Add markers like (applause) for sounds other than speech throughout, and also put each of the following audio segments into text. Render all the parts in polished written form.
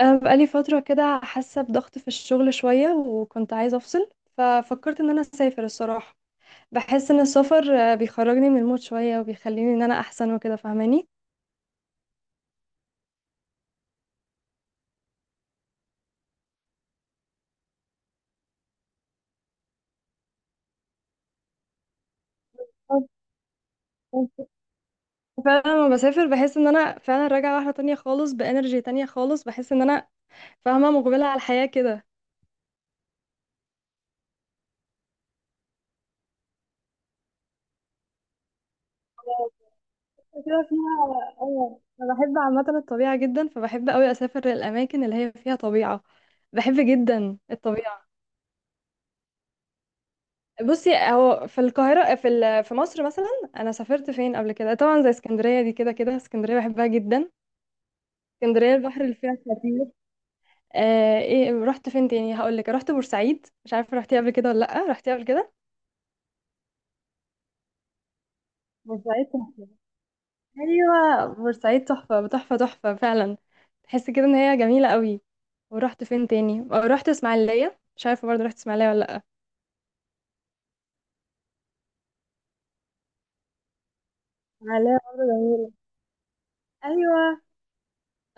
أنا بقالي فترة كده حاسة بضغط في الشغل شوية، وكنت عايزة أفصل. ففكرت إن أنا أسافر الصراحة. بحس إن السفر بيخرجني من المود شوية، وبيخليني إن أنا أحسن وكده فاهماني. (laughs) فعلا لما بسافر بحس إن أنا فعلا راجعة واحدة تانية خالص، بإنرجي تانية خالص، بحس إن أنا فاهمة مقبلة على الحياة كده. كده فيها أيوة، أنا بحب عامة الطبيعة جدا، فبحب أوي أسافر للأماكن اللي هي فيها طبيعة. بحب جدا الطبيعة. بصي، هو في القاهرة، في مصر مثلا. أنا سافرت فين قبل كده؟ طبعا زي اسكندرية، دي كده كده اسكندرية بحبها جدا. اسكندرية البحر اللي فيها خطير. ايه، رحت فين تاني؟ هقول لك. رحت بورسعيد، مش عارفة رحتي قبل كده ولا لأ. رحتي قبل كده؟ بورسعيد تحفة. أيوة، بورسعيد تحفة تحفة تحفة فعلا. تحس كده إن هي جميلة قوي. ورحت فين تاني؟ رحت إسماعيلية. مش عارفة برضه، رحت إسماعيلية ولا لأ. إسماعيلية برضه جميلة. ايوه،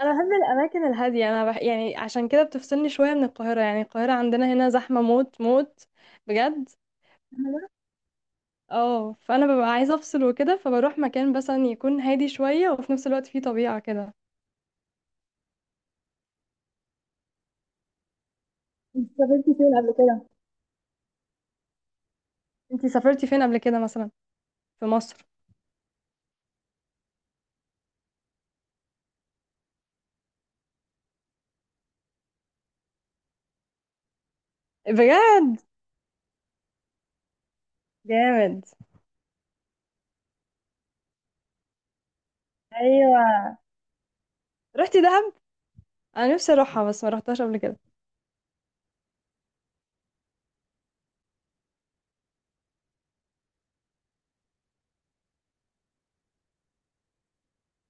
انا بحب الاماكن الهاديه، يعني عشان كده بتفصلني شويه من القاهره. يعني القاهره عندنا هنا زحمه موت موت بجد. مهم. اه، فانا ببقى عايزه افصل وكده، فبروح مكان مثلا يكون هادي شويه، وفي نفس الوقت فيه طبيعه كده. انت سافرتي فين قبل كده؟ انتي سافرتي فين قبل كده مثلا، في مصر؟ بجد؟ جامد. ايوه، رحتي دهب؟ انا نفسي اروحها بس ما رحتهاش قبل كده.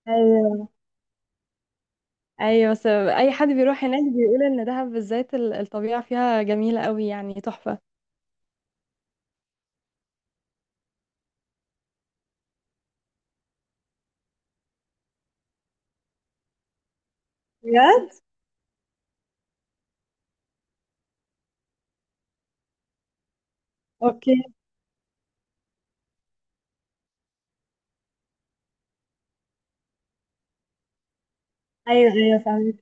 ايوه، ايوه، بس اي حد بيروح هناك بيقول ان دهب بالذات الطبيعه فيها جميله قوي يعني تحفه. بجد؟ اوكي. ايوه، ايوه، فاهمك.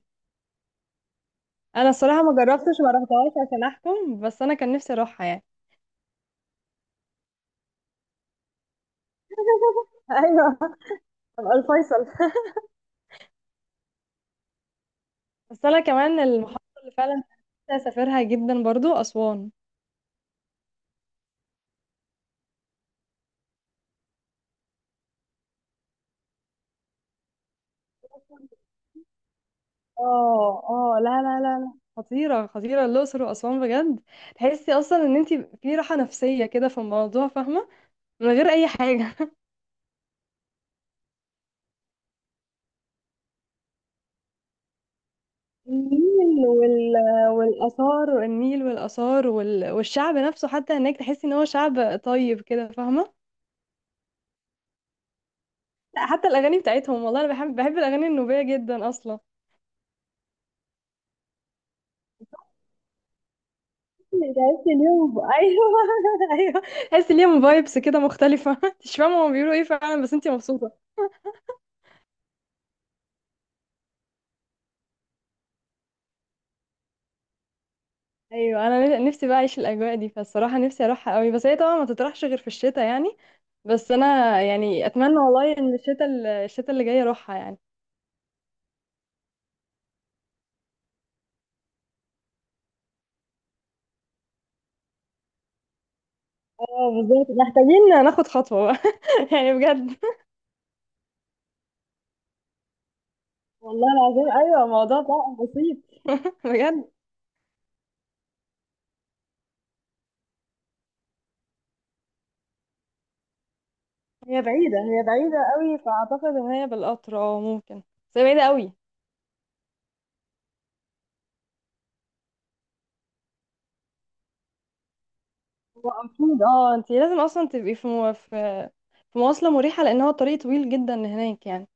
انا الصراحه ما جربتش، ما رحتهاش عشان احكم، بس انا كان نفسي اروحها يعني. (laughs) ايوه، ابقى الفيصل. (laughs) بس انا كمان المحافظه اللي فعلا نفسي اسافرها جدا برضو اسوان. اه، اه، لا، لا، لا، لا، خطيره خطيره الاقصر واسوان بجد. تحسي اصلا ان انت في راحه نفسيه كده في الموضوع، فاهمه؟ من غير اي حاجه. (laughs) النيل وال والاثار النيل والاثار، والشعب نفسه حتى هناك تحسي ان هو شعب طيب كده، فاهمه؟ لا، حتى الاغاني بتاعتهم والله، انا بحب الاغاني النوبيه جدا اصلا. تحس اليوم. (laughs) ايوه، ايوه. تحس ليهم فايبس كده مختلفه. (laughs) مش فاهمه هما بيقولوا ايه فعلا، بس انتي مبسوطه. ايوه، انا نفسي بقى اعيش الاجواء دي، فالصراحه نفسي اروحها قوي، بس هي طبعا ما تطرحش غير في الشتاء يعني. بس انا يعني اتمنى والله ان الشتاء اللي جاي اروحها يعني. اه، بالظبط، محتاجين ناخد خطوه بقى. (laughs) يعني بجد. والله العظيم، ايوه، الموضوع ده بسيط. (laughs) بجد. هي بعيدة قوي، فأعتقد إن هي بالقطر، اه، ممكن. بس هي بعيدة قوي. هو أكيد. اه، انتي لازم أصلا تبقي في مو... في في مواصلة مريحة، لأن هو طريق طويل جدا هناك يعني.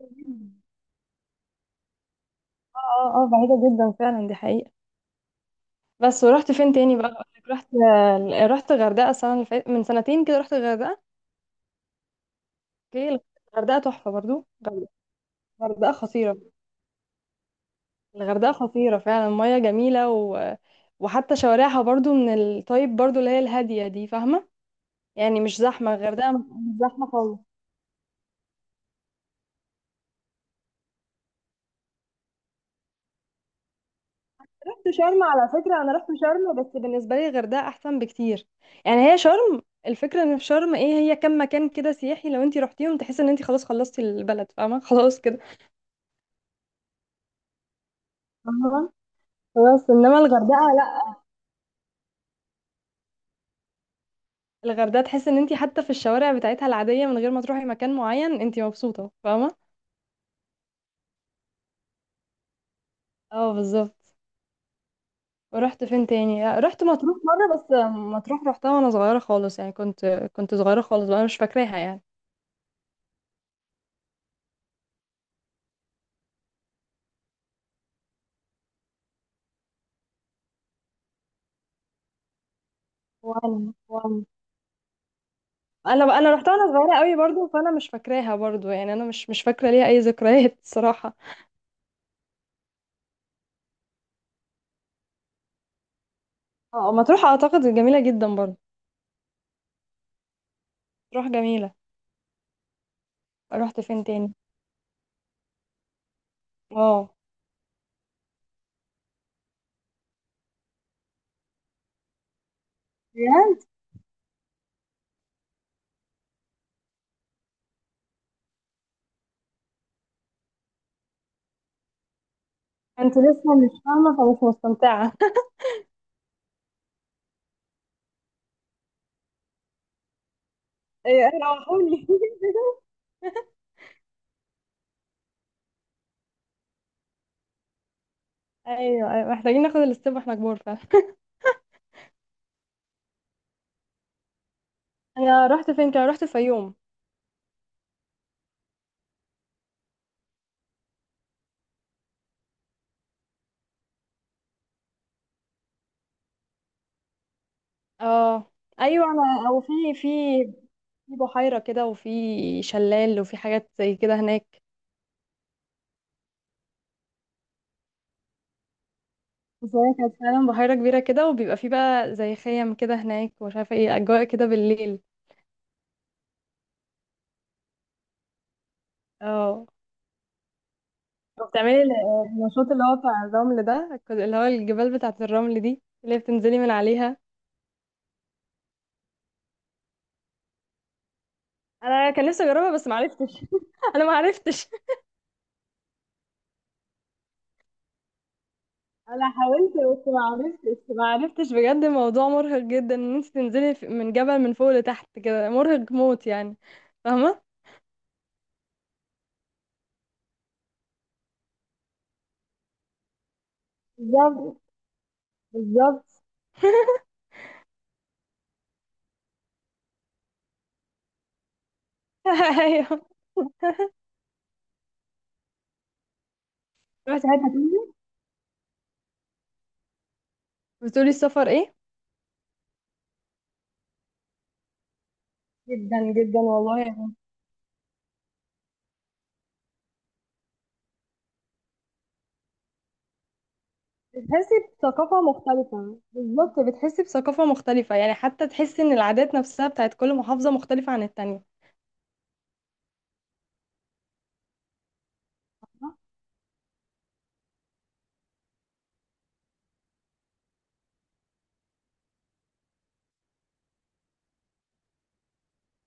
اه، اه، اه، بعيدة جدا فعلا، دي حقيقة. بس ورحت فين تاني بقى؟ أقولك. رحت غردقة السنة اللي فاتت من سنتين كده، رحت الغردقة. اوكي. الغردقة تحفة برضو. الغردقة خطيرة. الغردقة خطيرة فعلا، المياه جميلة، وحتى شوارعها برضو من الطيب برضو، اللي هي الهادية دي، فاهمة؟ يعني مش زحمة، الغردقة مش زحمة خالص. رحت شرم على فكرة، أنا رحت شرم، بس بالنسبة لي الغردقة أحسن بكتير. يعني هي شرم، الفكرة إن في شرم إيه، هي كم مكان كده سياحي، لو أنت رحتيهم تحس إن أنت خلاص خلصتي البلد، فاهمة؟ (laughs) خلاص كده. أها. خلاص، إنما الغردقة لأ. الغردقة تحس إن أنت حتى في الشوارع بتاعتها العادية، من غير ما تروحي مكان معين، أنت مبسوطة، فاهمة؟ اه، بالظبط. ورحت فين تاني؟ رحت مطروح مرة بس. مطروح رحتها وأنا صغيرة خالص يعني، كنت صغيرة خالص بقى، أنا مش فاكراها يعني. وانا وانا انا انا رحتها وانا صغيره قوي برضو، فانا مش فاكراها برضو يعني. انا مش فاكره ليها اي ذكريات. (laughs) الصراحه. اه، مطروح اعتقد جميله جدا برضو. مطروح جميله. رحت فين تاني؟ اه، بجد. انت لسه مش فاهمه، فمش مستمتعه. (laughs) ايوه، أيوة، روحوني. (laughs) ايوه، ايوه، محتاجين ناخد الاستيب واحنا كبار فعلا. انا رحت فين كده؟ رحت الفيوم. اه، ايوه. انا او في في بحيره كده، وفي شلال، وفي حاجات زي كده هناك. بس هي كانت فعلا بحيرة كبيرة كده، وبيبقى فيه بقى زي خيم كده هناك، ومش عارفة ايه، أجواء كده بالليل. اه، وبتعملي النشاط اللي هو بتاع الرمل ده، اللي هو الجبال بتاعة الرمل دي، اللي هي بتنزلي من عليها. أنا كان نفسي أجربها بس معرفتش. (laughs) أنا معرفتش. أنا حاولت بس معرفتش معرفتش بجد. الموضوع مرهق جدا إن أنت تنزلي من جبل من فوق لتحت كده، مرهق موت يعني. فاهمة؟ بالظبط، بالظبط. (laughs) أيوه. رحتي حتة تانية؟ بتقولي السفر إيه؟ جدا جدا والله يعني. بتحسي بثقافة مختلفة، بالظبط، بتحسي بثقافة مختلفة يعني. حتى تحسي ان العادات نفسها بتاعت كل محافظة مختلفة عن التانية.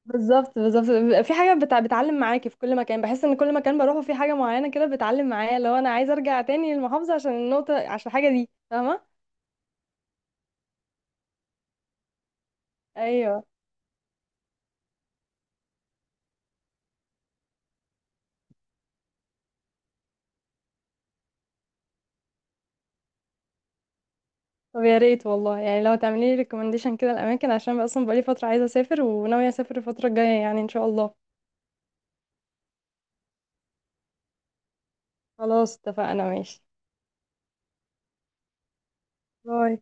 بالظبط، بالظبط، بيبقى في حاجة بتعلم معاكي في كل مكان. بحس ان كل مكان بروحه في حاجة معينة كده بتعلم معايا، لو انا عايزة ارجع تاني للمحافظة عشان الحاجة دي، فاهمة؟ ايوه. طب يا ريت والله، يعني لو تعملي لي ريكومنديشن كده الاماكن، عشان بقى اصلا بقالي فترة عايزة اسافر وناوية اسافر الفترة الجاية يعني ان شاء الله. خلاص، اتفقنا. ماشي. باي.